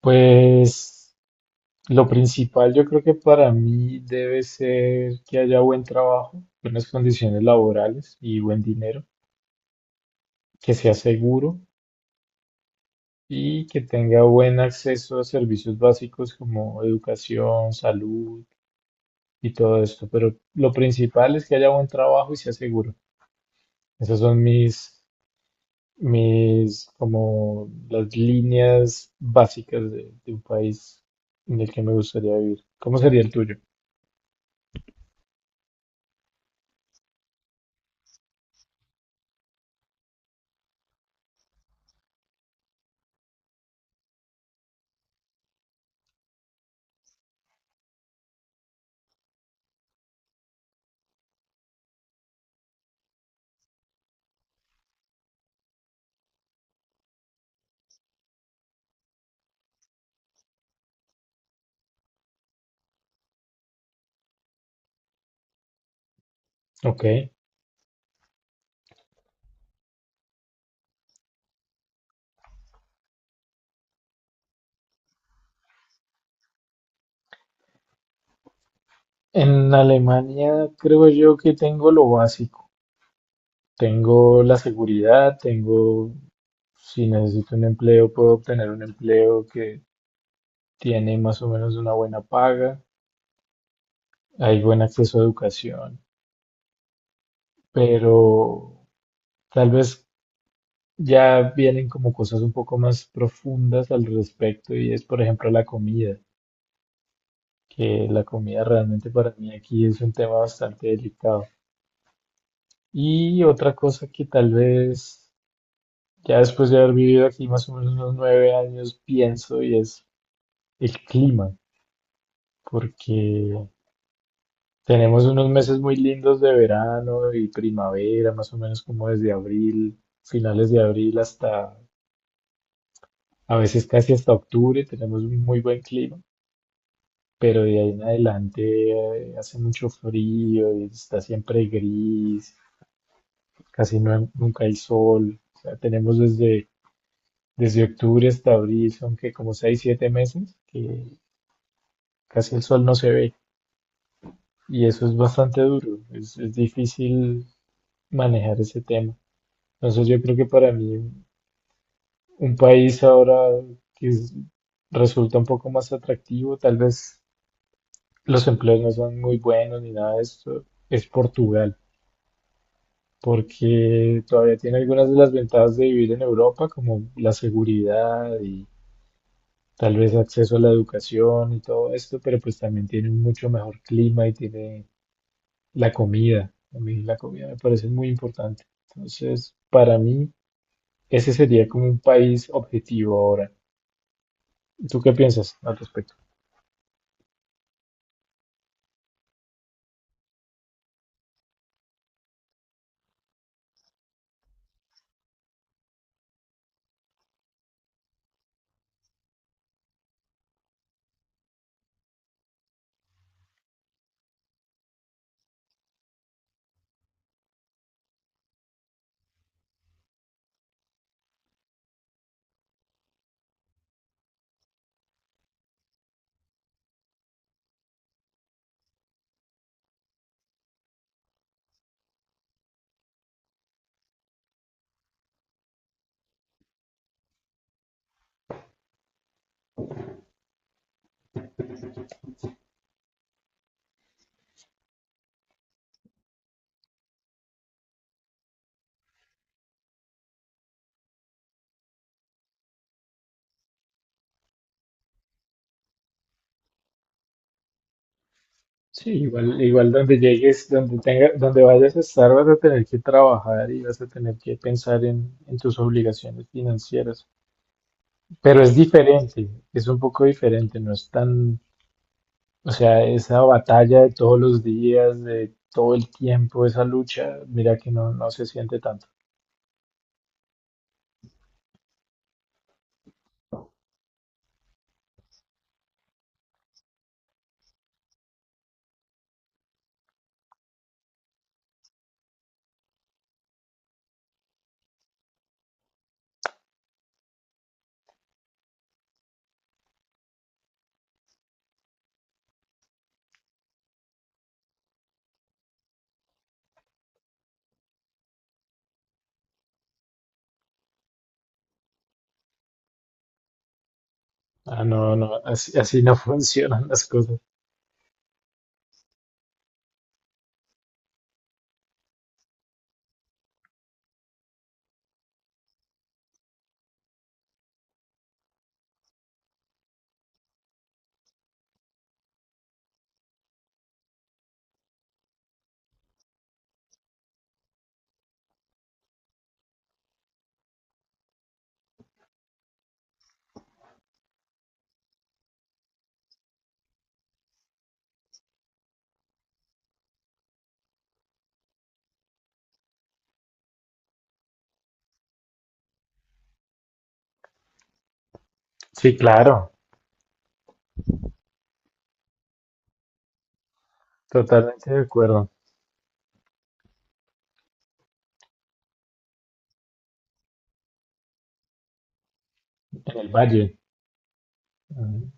Pues lo principal yo creo que para mí debe ser que haya buen trabajo, buenas condiciones laborales y buen dinero, que sea seguro y que tenga buen acceso a servicios básicos como educación, salud y todo esto. Pero lo principal es que haya buen trabajo y sea seguro. Esas son mis, como las líneas básicas de un país en el que me gustaría vivir. ¿Cómo sería el tuyo? Ok. En Alemania creo yo que tengo lo básico. Tengo la seguridad, tengo, si necesito un empleo, puedo obtener un empleo que tiene más o menos una buena paga, hay buen acceso a educación, pero tal vez ya vienen como cosas un poco más profundas al respecto y es, por ejemplo, la comida, que la comida realmente para mí aquí es un tema bastante delicado. Y otra cosa que tal vez ya después de haber vivido aquí más o menos unos 9 años, pienso, y es el clima, porque tenemos unos meses muy lindos de verano y primavera, más o menos como desde abril, finales de abril hasta, a veces casi hasta octubre, tenemos un muy buen clima, pero de ahí en adelante hace mucho frío y está siempre gris, casi no- nunca hay sol, o sea, tenemos desde... Desde octubre hasta abril son que como seis, siete meses que casi el sol no se ve y eso es bastante duro, es difícil manejar ese tema. Entonces yo creo que para mí un país ahora que es- resulta un poco más atractivo, tal vez los empleos no son muy buenos ni nada de esto, es Portugal, porque todavía tiene algunas de las ventajas de vivir en Europa, como la seguridad y tal vez acceso a la educación y todo esto, pero pues también tiene un mucho mejor clima y tiene la comida, a mí la comida me parece muy importante. Entonces, para mí, ese sería como un país objetivo ahora. ¿Tú qué piensas al respecto? Sí, igual, igual donde llegues, donde tenga, donde vayas a estar, vas a tener que trabajar y vas a tener que pensar en tus obligaciones financieras. Pero es diferente, es un poco diferente, no es tan, o sea, esa batalla de todos los días, de todo el tiempo, esa lucha, mira que no, no se siente tanto. Ah, no, no, así, así no funcionan las cosas. Sí, claro, totalmente de acuerdo. En el valle, mm,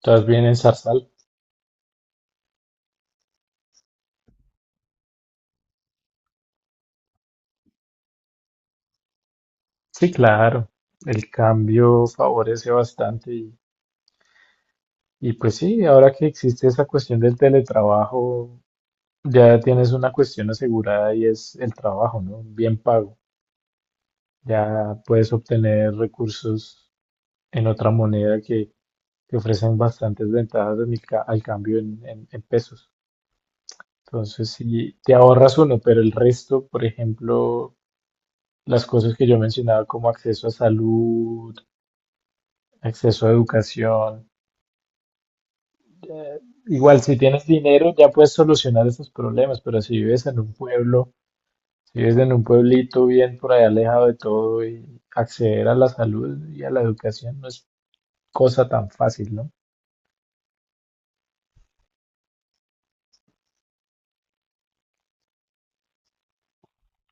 estás bien en Zarzal. Sí, claro, el cambio favorece bastante y pues sí, ahora que existe esa cuestión del teletrabajo, ya tienes una cuestión asegurada y es el trabajo, ¿no? Bien pago. Ya puedes obtener recursos en otra moneda que ofrecen bastantes ventajas en el ca- al cambio en pesos. Entonces, si te ahorras uno, pero el resto, por ejemplo, las cosas que yo mencionaba como acceso a salud, acceso a educación, eh, igual si tienes dinero ya puedes solucionar esos problemas, pero si vives en un pueblo, si vives en un pueblito bien por allá alejado de todo y acceder a la salud y a la educación no es cosa tan fácil, ¿no?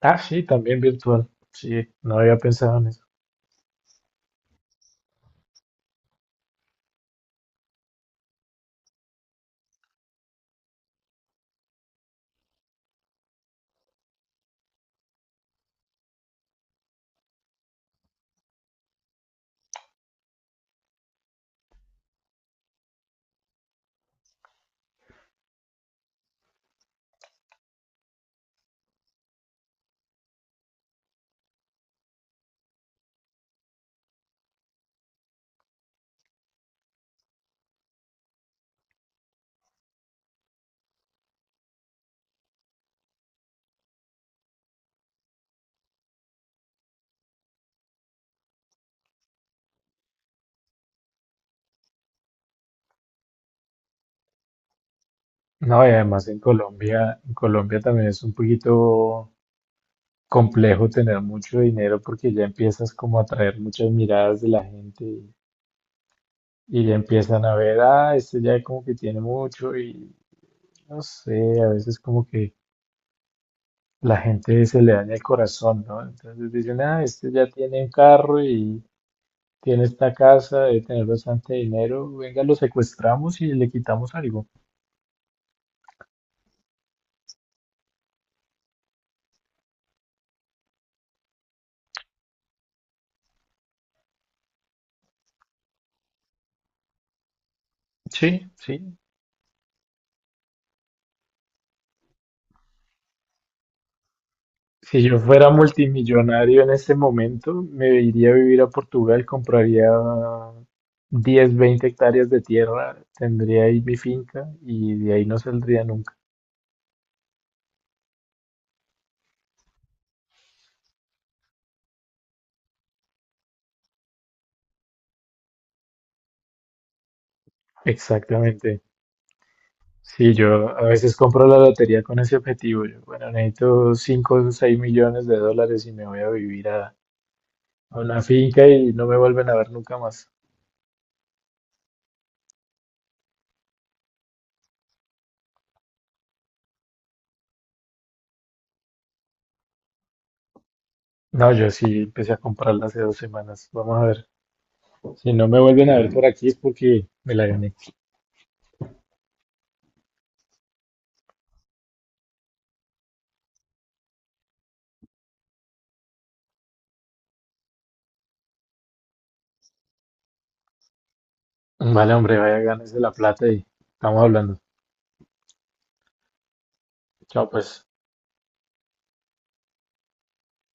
Ah, sí, también virtual. Sí, no había pensado en eso. No, y además en Colombia también es un poquito complejo tener mucho dinero porque ya empiezas como a atraer muchas miradas de la gente y ya empiezan a ver, ah, este ya como que tiene mucho y no sé, a veces como que la gente se le daña el corazón, ¿no? Entonces dicen, ah, este ya tiene un carro y tiene esta casa, debe tener bastante dinero, venga, lo secuestramos y le quitamos algo. Sí, sí, si yo fuera multimillonario en este momento, me iría a vivir a Portugal, compraría 10, 20 hectáreas de tierra, tendría ahí mi finca y de ahí no saldría nunca. Exactamente. Sí, yo a veces compro la lotería con ese objetivo. Yo, bueno, necesito 5, o 6 millones de dólares y me voy a vivir a una finca y no me vuelven a ver nunca más. No, yo sí empecé a comprarla hace 2 semanas. Vamos a ver. Si no me vuelven a ver por aquí es porque me la gané. Vale, hombre, vaya, ganes de la plata y estamos hablando. Chao, pues.